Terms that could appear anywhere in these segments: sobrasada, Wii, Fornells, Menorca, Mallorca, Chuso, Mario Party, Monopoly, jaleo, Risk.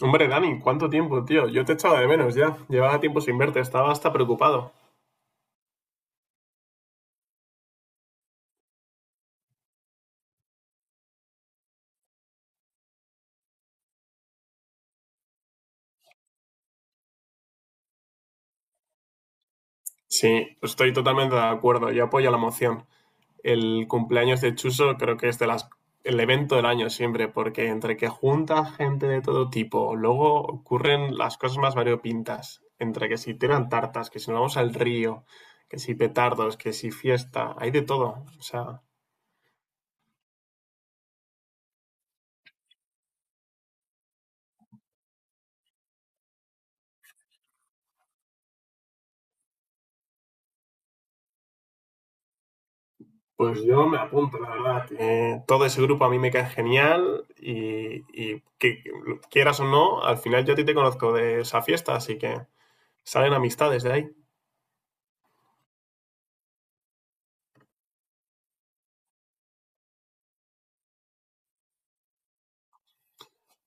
Hombre, Dani, ¿cuánto tiempo, tío? Yo te echaba de menos ya. Llevaba tiempo sin verte, estaba hasta preocupado. Sí, estoy totalmente de acuerdo. Yo apoyo la moción. El cumpleaños de Chuso creo que es de las, el evento del año siempre, porque entre que junta gente de todo tipo, luego ocurren las cosas más variopintas. Entre que si tiran tartas, que si nos vamos al río, que si petardos, que si fiesta, hay de todo. O sea, pues yo me apunto, la verdad. Todo ese grupo a mí me cae genial y que lo quieras o no, al final yo a ti te conozco de esa fiesta, así que salen amistades de ahí.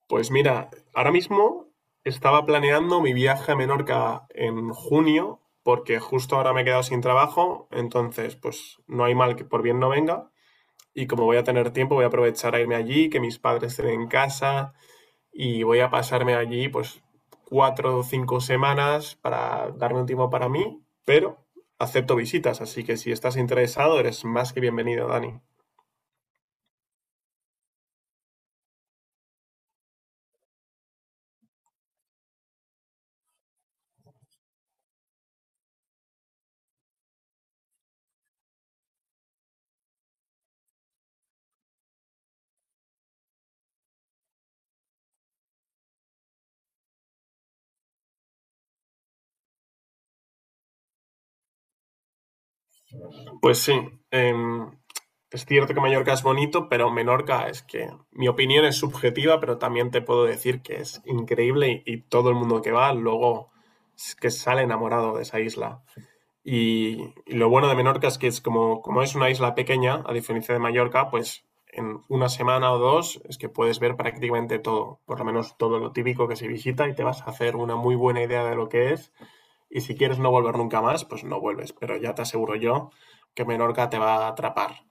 Pues mira, ahora mismo estaba planeando mi viaje a Menorca en junio, porque justo ahora me he quedado sin trabajo, entonces pues no hay mal que por bien no venga. Y como voy a tener tiempo, voy a aprovechar a irme allí, que mis padres estén en casa, y voy a pasarme allí pues cuatro o cinco semanas para darme un tiempo para mí, pero acepto visitas, así que si estás interesado eres más que bienvenido, Dani. Pues sí, em, es cierto que Mallorca es bonito, pero Menorca es que mi opinión es subjetiva, pero también te puedo decir que es increíble y, todo el mundo que va luego es que sale enamorado de esa isla. Y, y lo bueno de Menorca es que es como es una isla pequeña, a diferencia de Mallorca, pues en una semana o dos es que puedes ver prácticamente todo, por lo menos todo lo típico que se visita y te vas a hacer una muy buena idea de lo que es. Y si quieres no volver nunca más, pues no vuelves, pero ya te aseguro yo que Menorca te va a atrapar.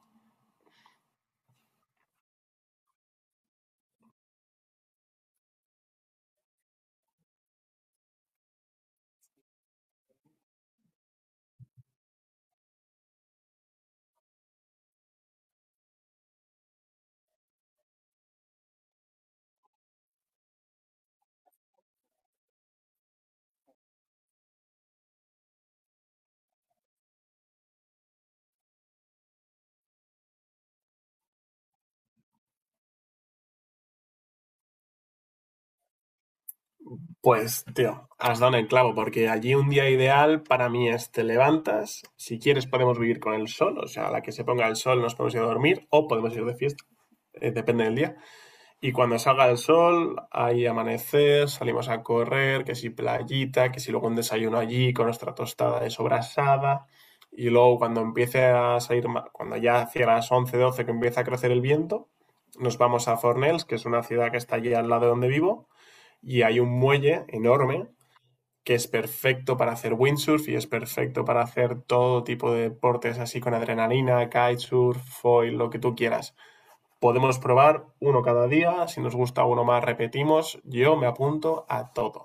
Pues, tío, has dado en el clavo, porque allí un día ideal para mí es te levantas, si quieres podemos vivir con el sol, o sea, a la que se ponga el sol nos podemos ir a dormir o podemos ir de fiesta, depende del día. Y cuando salga el sol, hay amanecer, salimos a correr, que si playita, que si luego un desayuno allí con nuestra tostada de sobrasada. Y luego cuando empiece a salir, cuando ya hacia las 11 12 que empieza a crecer el viento, nos vamos a Fornells, que es una ciudad que está allí al lado de donde vivo, y hay un muelle enorme que es perfecto para hacer windsurf y es perfecto para hacer todo tipo de deportes así con adrenalina, kitesurf, foil, lo que tú quieras. Podemos probar uno cada día, si nos gusta uno más repetimos, yo me apunto a todo.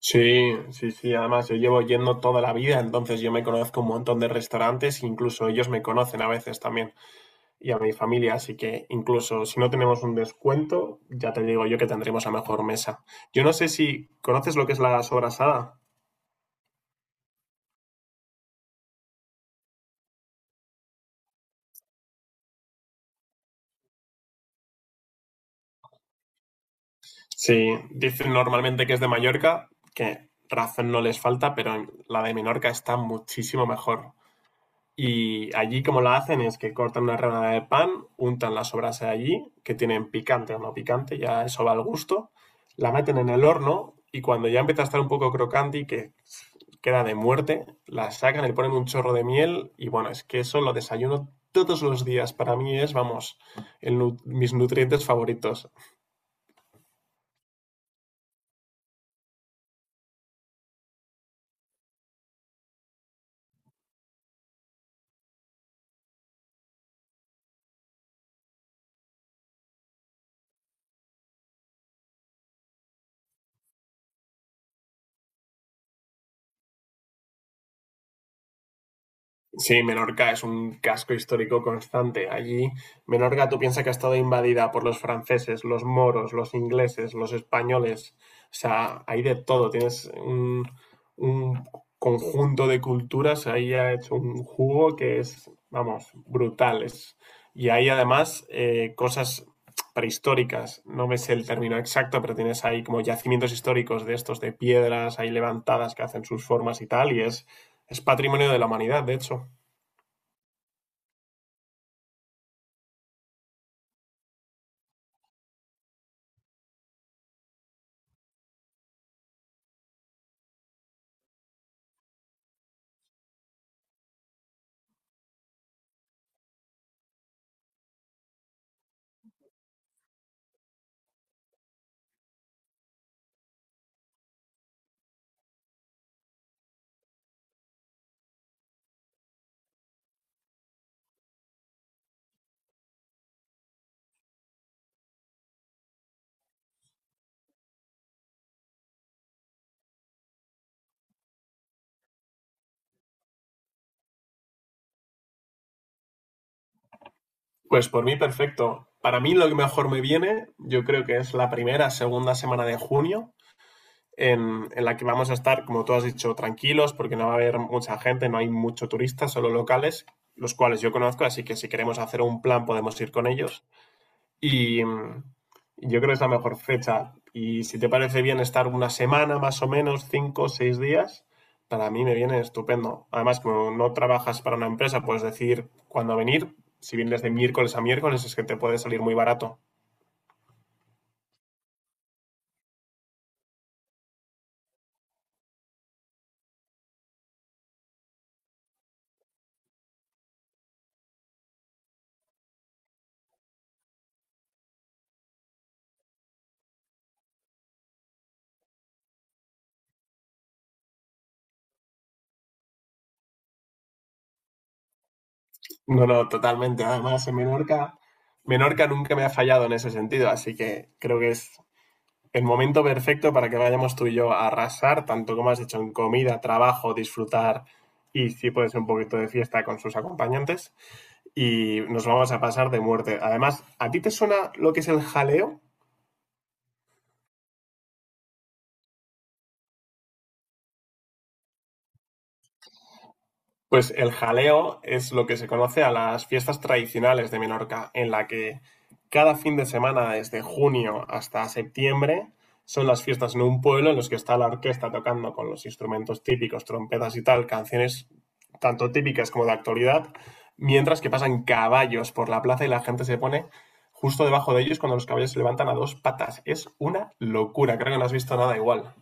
Sí, sí, sí, además yo llevo yendo toda la vida, entonces yo me conozco un montón de restaurantes, incluso ellos me conocen a veces también y a mi familia, así que incluso si no tenemos un descuento, ya te digo yo que tendremos la mejor mesa. Yo no sé si conoces lo que es la sobrasada. Sí, dicen normalmente que es de Mallorca, que razón no les falta, pero la de Menorca está muchísimo mejor. Y allí como la hacen es que cortan una rebanada de pan, untan la sobrasa de allí, que tienen picante o no picante, ya eso va al gusto, la meten en el horno y cuando ya empieza a estar un poco crocante y que queda de muerte, la sacan, le ponen un chorro de miel y bueno, es que eso lo desayuno todos los días. Para mí es, vamos, el mis nutrientes favoritos. Sí, Menorca es un casco histórico constante. Allí, Menorca, tú piensas que ha estado invadida por los franceses, los moros, los ingleses, los españoles. O sea, hay de todo. Tienes un conjunto de culturas. Ahí ha hecho un jugo que es, vamos, brutal. Y hay además cosas prehistóricas. No me sé el término exacto, pero tienes ahí como yacimientos históricos de estos, de piedras ahí levantadas que hacen sus formas y tal. Y es patrimonio de la humanidad, de hecho. Pues por mí perfecto. Para mí lo que mejor me viene, yo creo que es la primera, segunda semana de junio, en la que vamos a estar, como tú has dicho, tranquilos, porque no va a haber mucha gente, no hay mucho turistas, solo locales, los cuales yo conozco, así que si queremos hacer un plan podemos ir con ellos. Y yo creo que es la mejor fecha. Y si te parece bien estar una semana más o menos, cinco o seis días, para mí me viene estupendo. Además, como no trabajas para una empresa, puedes decir cuándo venir. Si vienes de miércoles a miércoles, es que te puede salir muy barato. No, no, totalmente. Además, en Menorca, Menorca nunca me ha fallado en ese sentido, así que creo que es el momento perfecto para que vayamos tú y yo a arrasar, tanto como has dicho, en comida, trabajo, disfrutar y si puede ser un poquito de fiesta con sus acompañantes, y nos vamos a pasar de muerte. Además, ¿a ti te suena lo que es el jaleo? Pues el jaleo es lo que se conoce a las fiestas tradicionales de Menorca, en la que cada fin de semana, desde junio hasta septiembre, son las fiestas en un pueblo en los que está la orquesta tocando con los instrumentos típicos, trompetas y tal, canciones tanto típicas como de actualidad, mientras que pasan caballos por la plaza y la gente se pone justo debajo de ellos cuando los caballos se levantan a dos patas. Es una locura, creo que no has visto nada igual.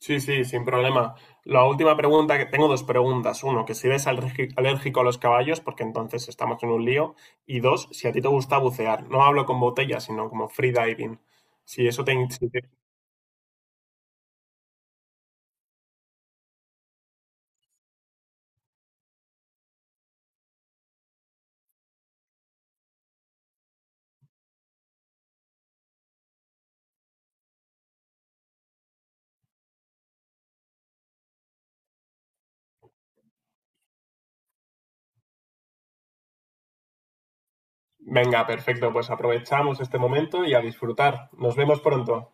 Sí, sí, sin problema. La última pregunta, que tengo dos preguntas. Uno, que si eres alérgico a los caballos, porque entonces estamos en un lío. Y dos, si a ti te gusta bucear. No hablo con botellas, sino como freediving. Si eso te... si te- Venga, perfecto, pues aprovechamos este momento y a disfrutar. Nos vemos pronto.